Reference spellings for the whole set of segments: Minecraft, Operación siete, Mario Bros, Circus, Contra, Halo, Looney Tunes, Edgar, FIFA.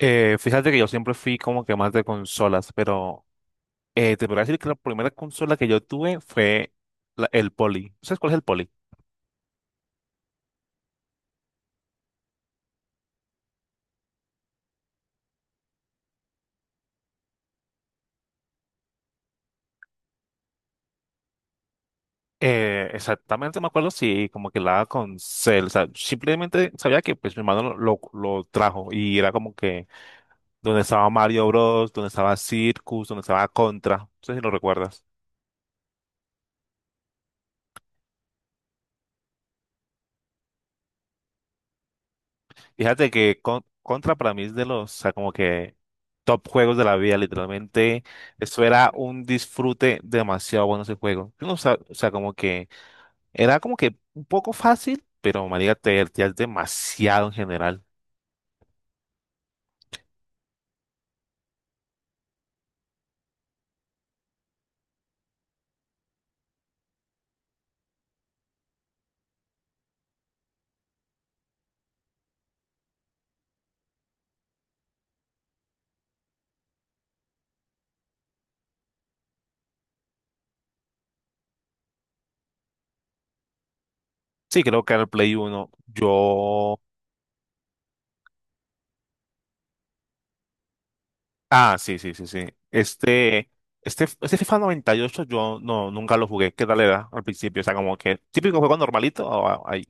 Fíjate que yo siempre fui como que más de consolas, pero te podría decir que la primera consola que yo tuve fue el Poly. ¿Sabes cuál es el Poly? Exactamente, me acuerdo, sí, como que la con Cell, o sea, simplemente sabía que pues mi hermano lo trajo y era como que donde estaba Mario Bros, donde estaba Circus, donde estaba Contra, no sé si lo recuerdas. Fíjate que Contra para mí es de los, o sea, como que top juegos de la vida, literalmente. Eso era un disfrute demasiado bueno ese juego. Yo no sab- O sea, como que era como que un poco fácil, pero María te divertías demasiado en general. Sí, creo que era el Play uno. Yo... Ah, sí, sí, sí, sí. Este, este FIFA 98 yo no, nunca lo jugué. ¿Qué tal era al principio? O sea, como que típico juego normalito. Ahí.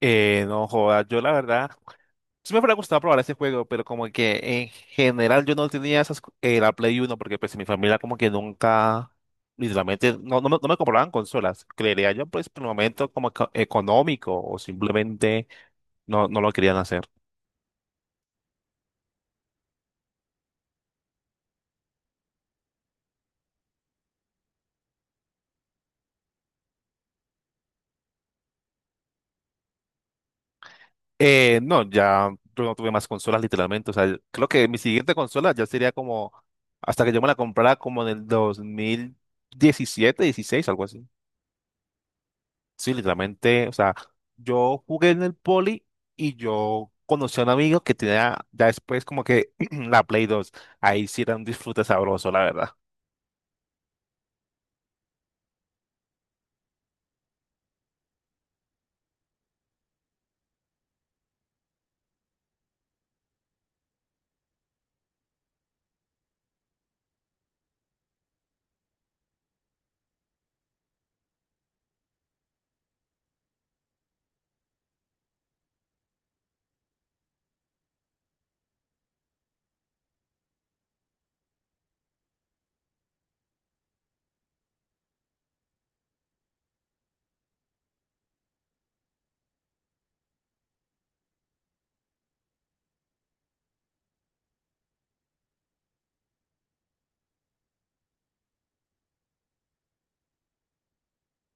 No joda, yo la verdad, sí me hubiera gustado probar ese juego, pero como que en general yo no tenía esas, la Play uno porque pues mi familia como que nunca, literalmente, no me compraban consolas. Creería yo pues por el momento como económico o simplemente no, no lo querían hacer. No, ya yo no tuve más consolas literalmente. O sea, creo que mi siguiente consola ya sería como hasta que yo me la comprara como en el 2017, dieciséis, algo así. Sí, literalmente. O sea, yo jugué en el Poli y yo conocí a un amigo que tenía ya después como que la Play 2. Ahí sí era un disfrute sabroso, la verdad.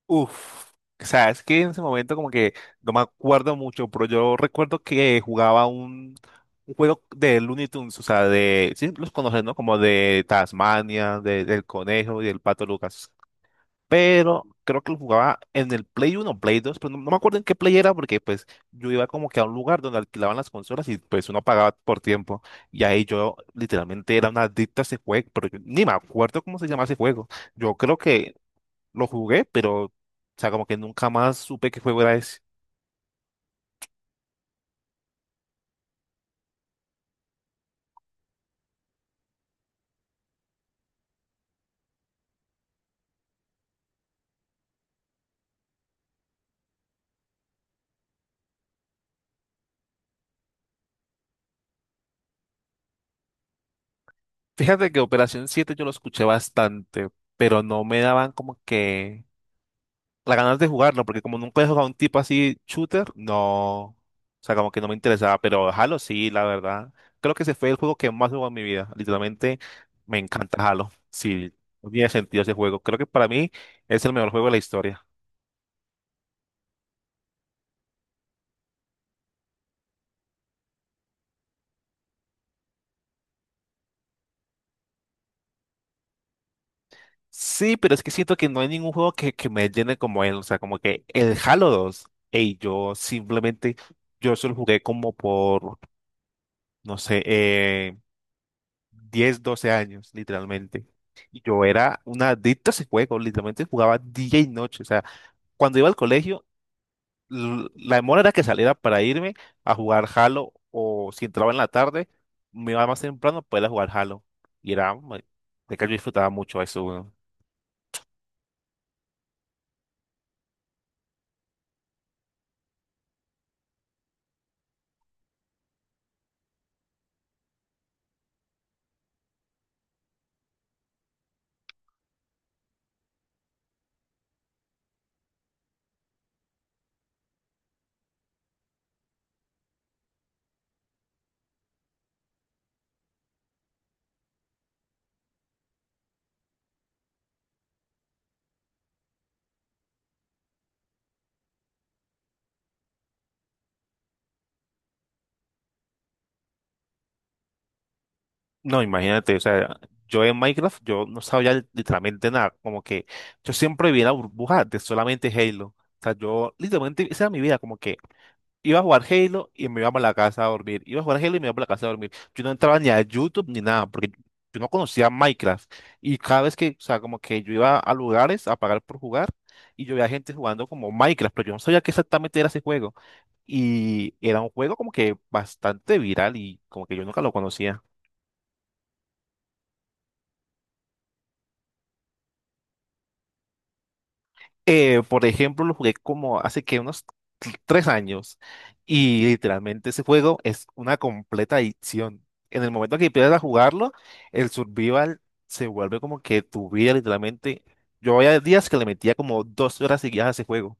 Uf, o sea, es que en ese momento como que no me acuerdo mucho, pero yo recuerdo que jugaba un juego de Looney Tunes, o sea, de, sí, los conoces, ¿no? Como de Tasmania, del Conejo y del Pato Lucas. Pero creo que lo jugaba en el Play uno, Play 2, pero no me acuerdo en qué Play era porque pues yo iba como que a un lugar donde alquilaban las consolas y pues uno pagaba por tiempo. Y ahí yo literalmente era una adicta a ese juego, pero yo ni me acuerdo cómo se llama ese juego. Yo creo que lo jugué, pero, o sea, como que nunca más supe qué juego era ese. Fíjate que Operación 7 yo lo escuché bastante, pero no me daban como que las ganas de jugarlo, porque como nunca he jugado a un tipo así shooter, no, o sea, como que no me interesaba, pero Halo sí, la verdad. Creo que ese fue el juego que más jugó en mi vida. Literalmente me encanta Halo. Sí, no tiene sentido ese juego. Creo que para mí es el mejor juego de la historia. Sí, pero es que siento que no hay ningún juego que me llene como él. O sea, como que el Halo 2, ey, yo simplemente, yo solo jugué como por, no sé, 10, 12 años, literalmente. Y yo era una adicta a ese juego, literalmente jugaba día y noche. O sea, cuando iba al colegio, la demora era que saliera para irme a jugar Halo, o si entraba en la tarde, me iba más temprano para ir a jugar Halo. Y era, de que yo disfrutaba mucho eso. No, imagínate, o sea, yo en Minecraft yo no sabía literalmente nada, como que yo siempre vivía en la burbuja de solamente Halo. O sea, yo literalmente, esa era mi vida, como que iba a jugar Halo y me iba para la casa a dormir, iba a jugar Halo y me iba para la casa a dormir. Yo no entraba ni a YouTube ni nada, porque yo no conocía Minecraft. Y cada vez que, o sea, como que yo iba a lugares a pagar por jugar y yo veía gente jugando como Minecraft, pero yo no sabía qué exactamente era ese juego. Y era un juego como que bastante viral y como que yo nunca lo conocía. Por ejemplo, lo jugué como hace que unos 3 años y literalmente ese juego es una completa adicción. En el momento que empiezas a jugarlo, el survival se vuelve como que tu vida, literalmente. Yo había días que le metía como 2 horas seguidas a ese juego.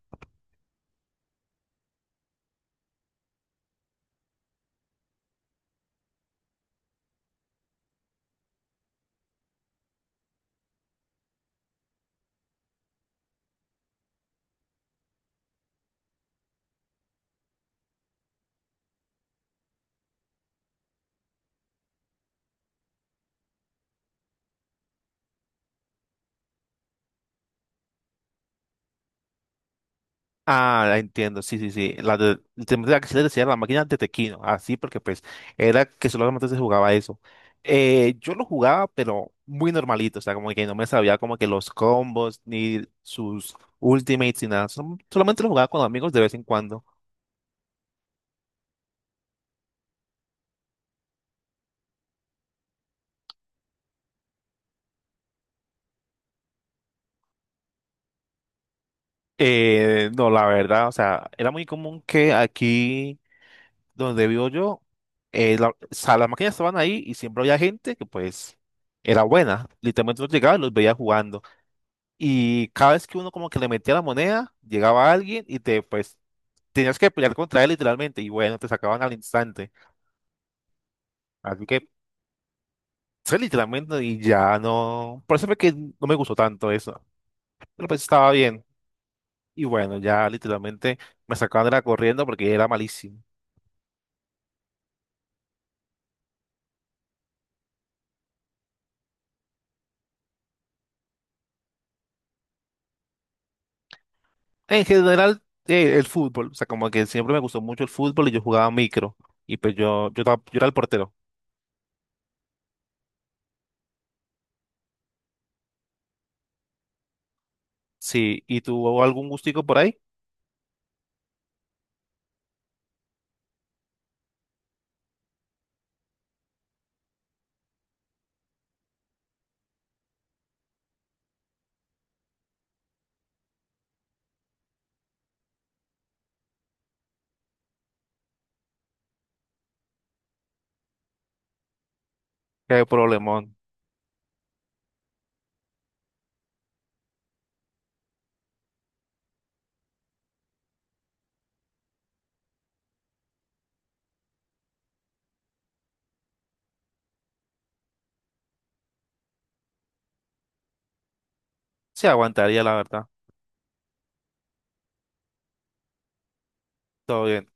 Ah, la entiendo, sí, sí, sí. La de, la que se le decía la máquina de Tequino, así, porque pues era que solamente se jugaba eso. Yo lo jugaba, pero muy normalito, o sea, como que no me sabía como que los combos, ni sus ultimates, ni nada. Solamente lo jugaba con amigos de vez en cuando. No, la verdad, o sea, era muy común que aquí donde vivo yo, o sea, las máquinas estaban ahí y siempre había gente que pues era buena. Literalmente los llegaba y los veía jugando. Y cada vez que uno como que le metía la moneda, llegaba alguien y te, pues, tenías que pelear contra él literalmente. Y bueno, te sacaban al instante. Así que, sí, literalmente, y ya no. Por eso fue que no me gustó tanto eso. Pero pues estaba bien. Y bueno, ya literalmente me sacaban de la corriendo porque era malísimo. En general, el fútbol. O sea, como que siempre me gustó mucho el fútbol y yo jugaba micro. Y pues yo era el portero. Sí, ¿y tuvo algún gustico por ahí? Qué problemón. Se aguantaría, la verdad. Todo bien.